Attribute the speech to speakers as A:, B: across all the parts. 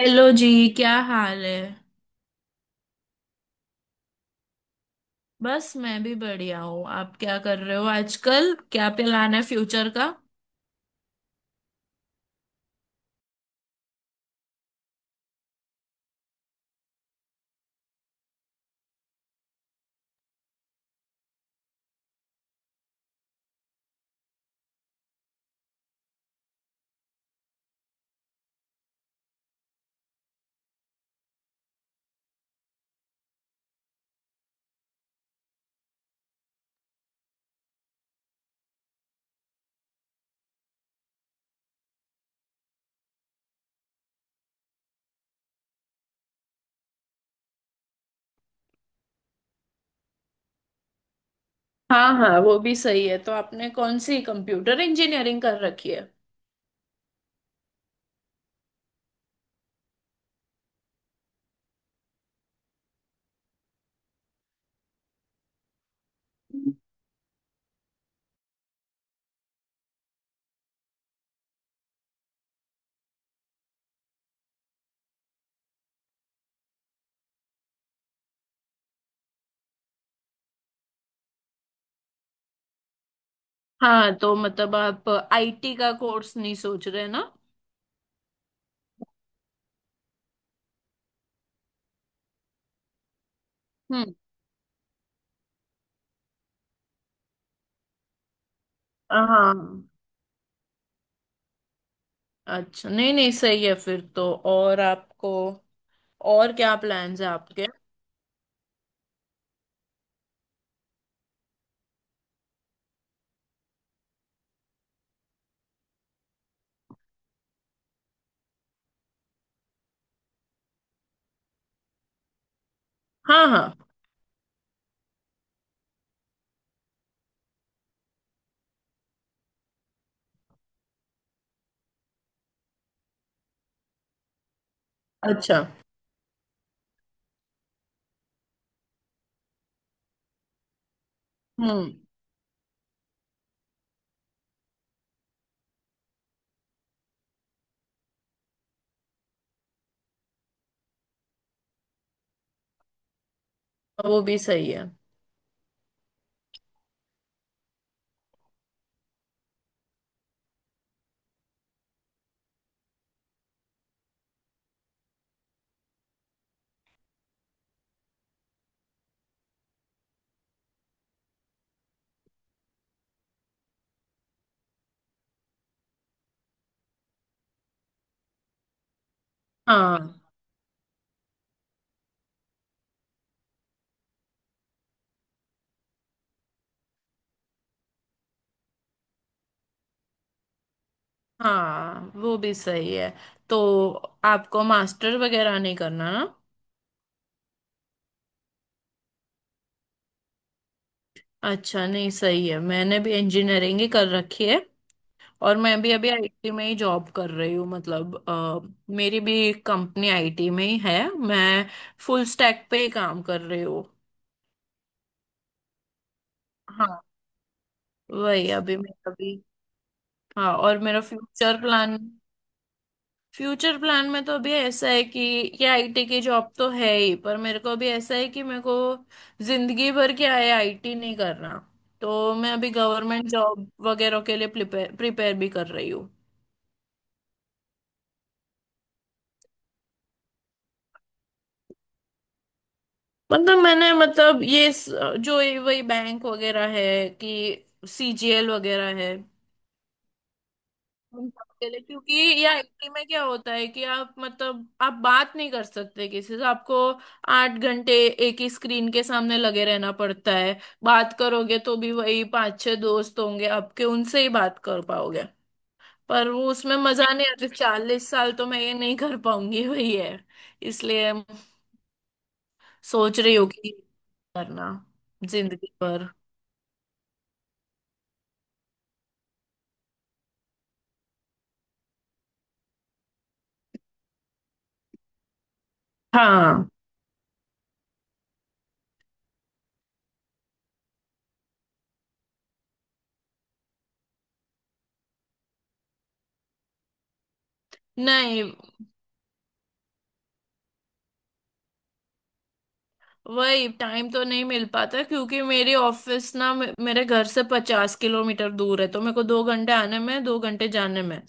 A: Hello जी। क्या हाल है। बस मैं भी बढ़िया हूँ। आप क्या कर रहे हो आजकल? क्या प्लान है फ्यूचर का? हाँ हाँ, वो भी सही है। तो आपने कौन सी कंप्यूटर इंजीनियरिंग कर रखी है? हाँ, तो मतलब आप आईटी का कोर्स नहीं सोच रहे ना? हम्म। हाँ। अच्छा, नहीं नहीं, सही है फिर तो। और आपको और क्या प्लान्स है आपके? हाँ हाँ। अच्छा। हम्म। वो भी सही है। हाँ हाँ, वो भी सही है। तो आपको मास्टर वगैरह नहीं करना ना? अच्छा, नहीं सही है, मैंने भी इंजीनियरिंग ही कर रखी है। और मैं भी अभी आईटी में ही जॉब कर रही हूँ, मतलब मेरी भी कंपनी आईटी में ही है, मैं फुल स्टैक पे ही काम कर रही हूँ। हाँ। वही अभी मैं अभी। हाँ, और मेरा फ्यूचर प्लान। फ्यूचर प्लान में तो अभी ऐसा है कि ये आईटी की जॉब तो है ही, पर मेरे को अभी ऐसा है कि मेरे को जिंदगी भर क्या है, आईटी नहीं करना। तो मैं अभी गवर्नमेंट जॉब वगैरह के लिए प्रिपेयर प्रिपेयर भी कर रही हूँ। मतलब मैंने, मतलब जो ये वही बैंक वगैरह है कि सीजीएल वगैरह है हम सबके लिए, क्योंकि या एटी में क्या होता है कि आप, मतलब आप बात नहीं कर सकते किसी से, आपको 8 घंटे एक ही स्क्रीन के सामने लगे रहना पड़ता है। बात करोगे तो भी वही 5 6 दोस्त होंगे आपके, उनसे ही बात कर पाओगे। पर वो, उसमें मजा नहीं आता, 40 साल तो मैं ये नहीं कर पाऊंगी, वही है। इसलिए सोच रही हूँ कि करना जिंदगी भर। हाँ। नहीं, वही टाइम तो नहीं मिल पाता क्योंकि मेरी ऑफिस ना मेरे घर से 50 किलोमीटर दूर है, तो मेरे को 2 घंटे आने में, 2 घंटे जाने में,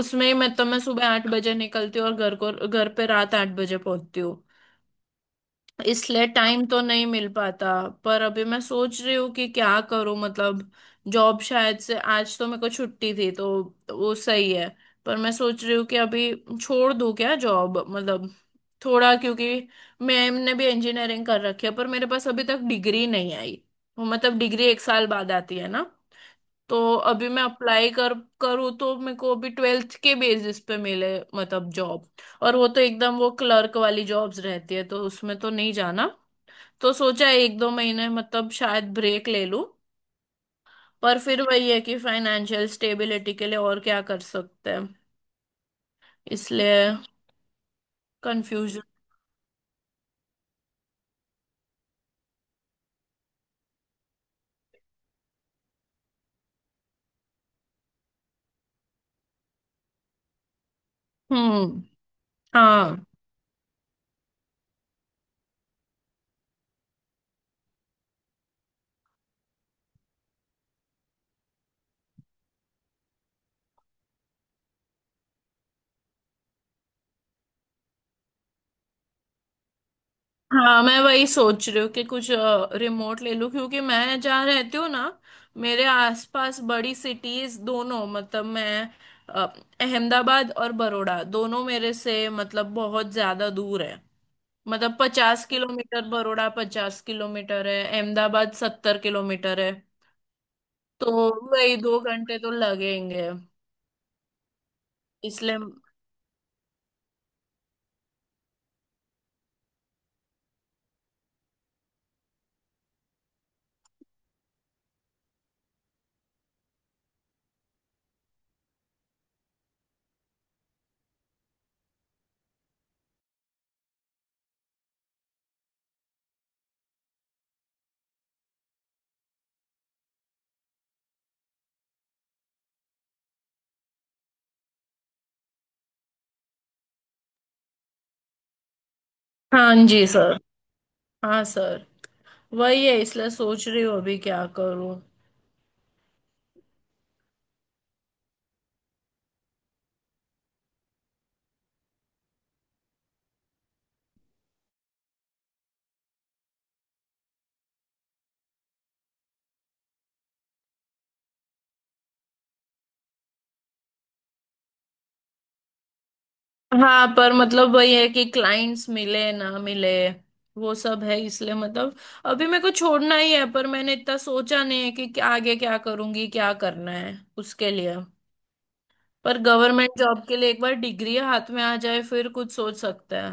A: उसमें ही मैं, तो मैं सुबह 8 बजे निकलती हूँ और घर को, घर पे रात 8 बजे पहुंचती। इसलिए टाइम तो नहीं मिल पाता। पर अभी मैं सोच रही हूँ कि क्या करूँ, मतलब जॉब शायद, से आज तो मेरे को छुट्टी थी तो वो सही है, पर मैं सोच रही हूँ कि अभी छोड़ दूँ क्या जॉब? मतलब थोड़ा, क्योंकि मैम ने भी इंजीनियरिंग कर रखी है, पर मेरे पास अभी तक डिग्री नहीं आई। वो मतलब डिग्री एक साल बाद आती है ना। तो अभी मैं अप्लाई कर करूँ तो मेरे को अभी ट्वेल्थ के बेसिस पे मिले, मतलब जॉब। और वो तो एकदम वो क्लर्क वाली जॉब्स रहती है, तो उसमें तो नहीं जाना। तो सोचा है 1 2 महीने मतलब शायद ब्रेक ले लूं। पर फिर वही है कि फाइनेंशियल स्टेबिलिटी के लिए और क्या कर सकते हैं? इसलिए कंफ्यूजन। हम्म। हाँ हाँ, मैं वही सोच रही हूँ कि कुछ रिमोट ले लूँ, क्योंकि मैं जहाँ रहती हूँ ना, मेरे आसपास बड़ी सिटीज दोनों, मतलब मैं अ, अहमदाबाद और बड़ौदा दोनों मेरे से मतलब बहुत ज्यादा दूर है। मतलब 50 किलोमीटर बड़ौदा, 50 किलोमीटर है, अहमदाबाद 70 किलोमीटर है। तो वही 2 घंटे तो लगेंगे। इसलिए। हाँ जी सर। हाँ सर। वही है, इसलिए सोच रही हूँ अभी क्या करूँ। हाँ, पर मतलब वही है कि क्लाइंट्स मिले ना मिले, वो सब है। इसलिए मतलब अभी मेरे को छोड़ना ही है, पर मैंने इतना सोचा नहीं है कि क्या आगे क्या करूँगी, क्या करना है उसके लिए। पर गवर्नमेंट जॉब के लिए एक बार डिग्री हाथ में आ जाए फिर कुछ सोच सकते हैं।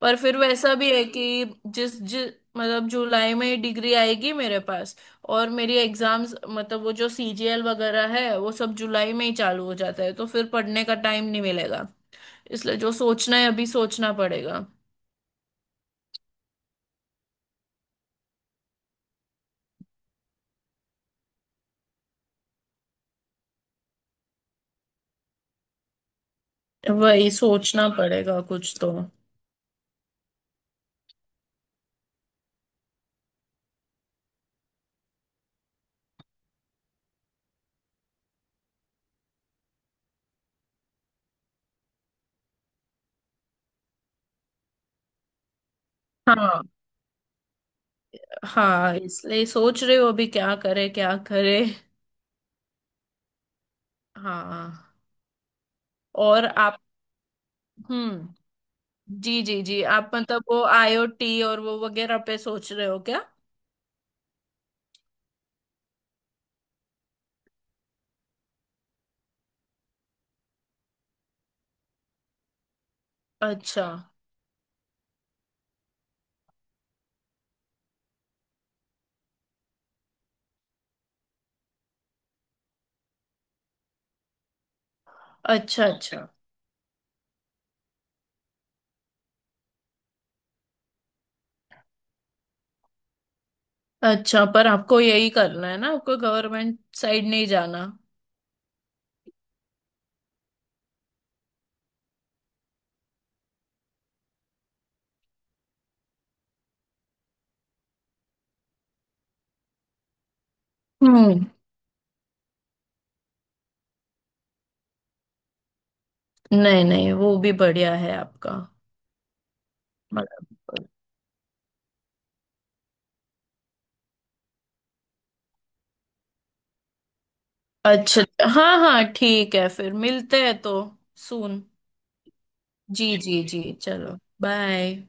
A: पर फिर वैसा भी है कि जिस जिस मतलब जुलाई में डिग्री आएगी मेरे पास, और मेरी एग्जाम्स मतलब वो जो सीजीएल वगैरह है वो सब जुलाई में ही चालू हो जाता है, तो फिर पढ़ने का टाइम नहीं मिलेगा। इसलिए जो सोचना है अभी सोचना पड़ेगा। वही सोचना पड़ेगा कुछ तो। हाँ हाँ, इसलिए सोच रहे हो अभी क्या करे क्या करे। हाँ। और आप? हम्म। जी जी जी, आप मतलब वो आईओटी और वो वगैरह पे सोच रहे हो क्या? अच्छा। अच्छा। अच्छा अच्छा, पर आपको यही करना है ना, आपको गवर्नमेंट साइड नहीं जाना? हम्म। नहीं नहीं, वो भी बढ़िया है आपका। मतलब- अच्छा। हाँ हाँ ठीक है, फिर मिलते हैं तो। सून। जी जी जी, चलो बाय।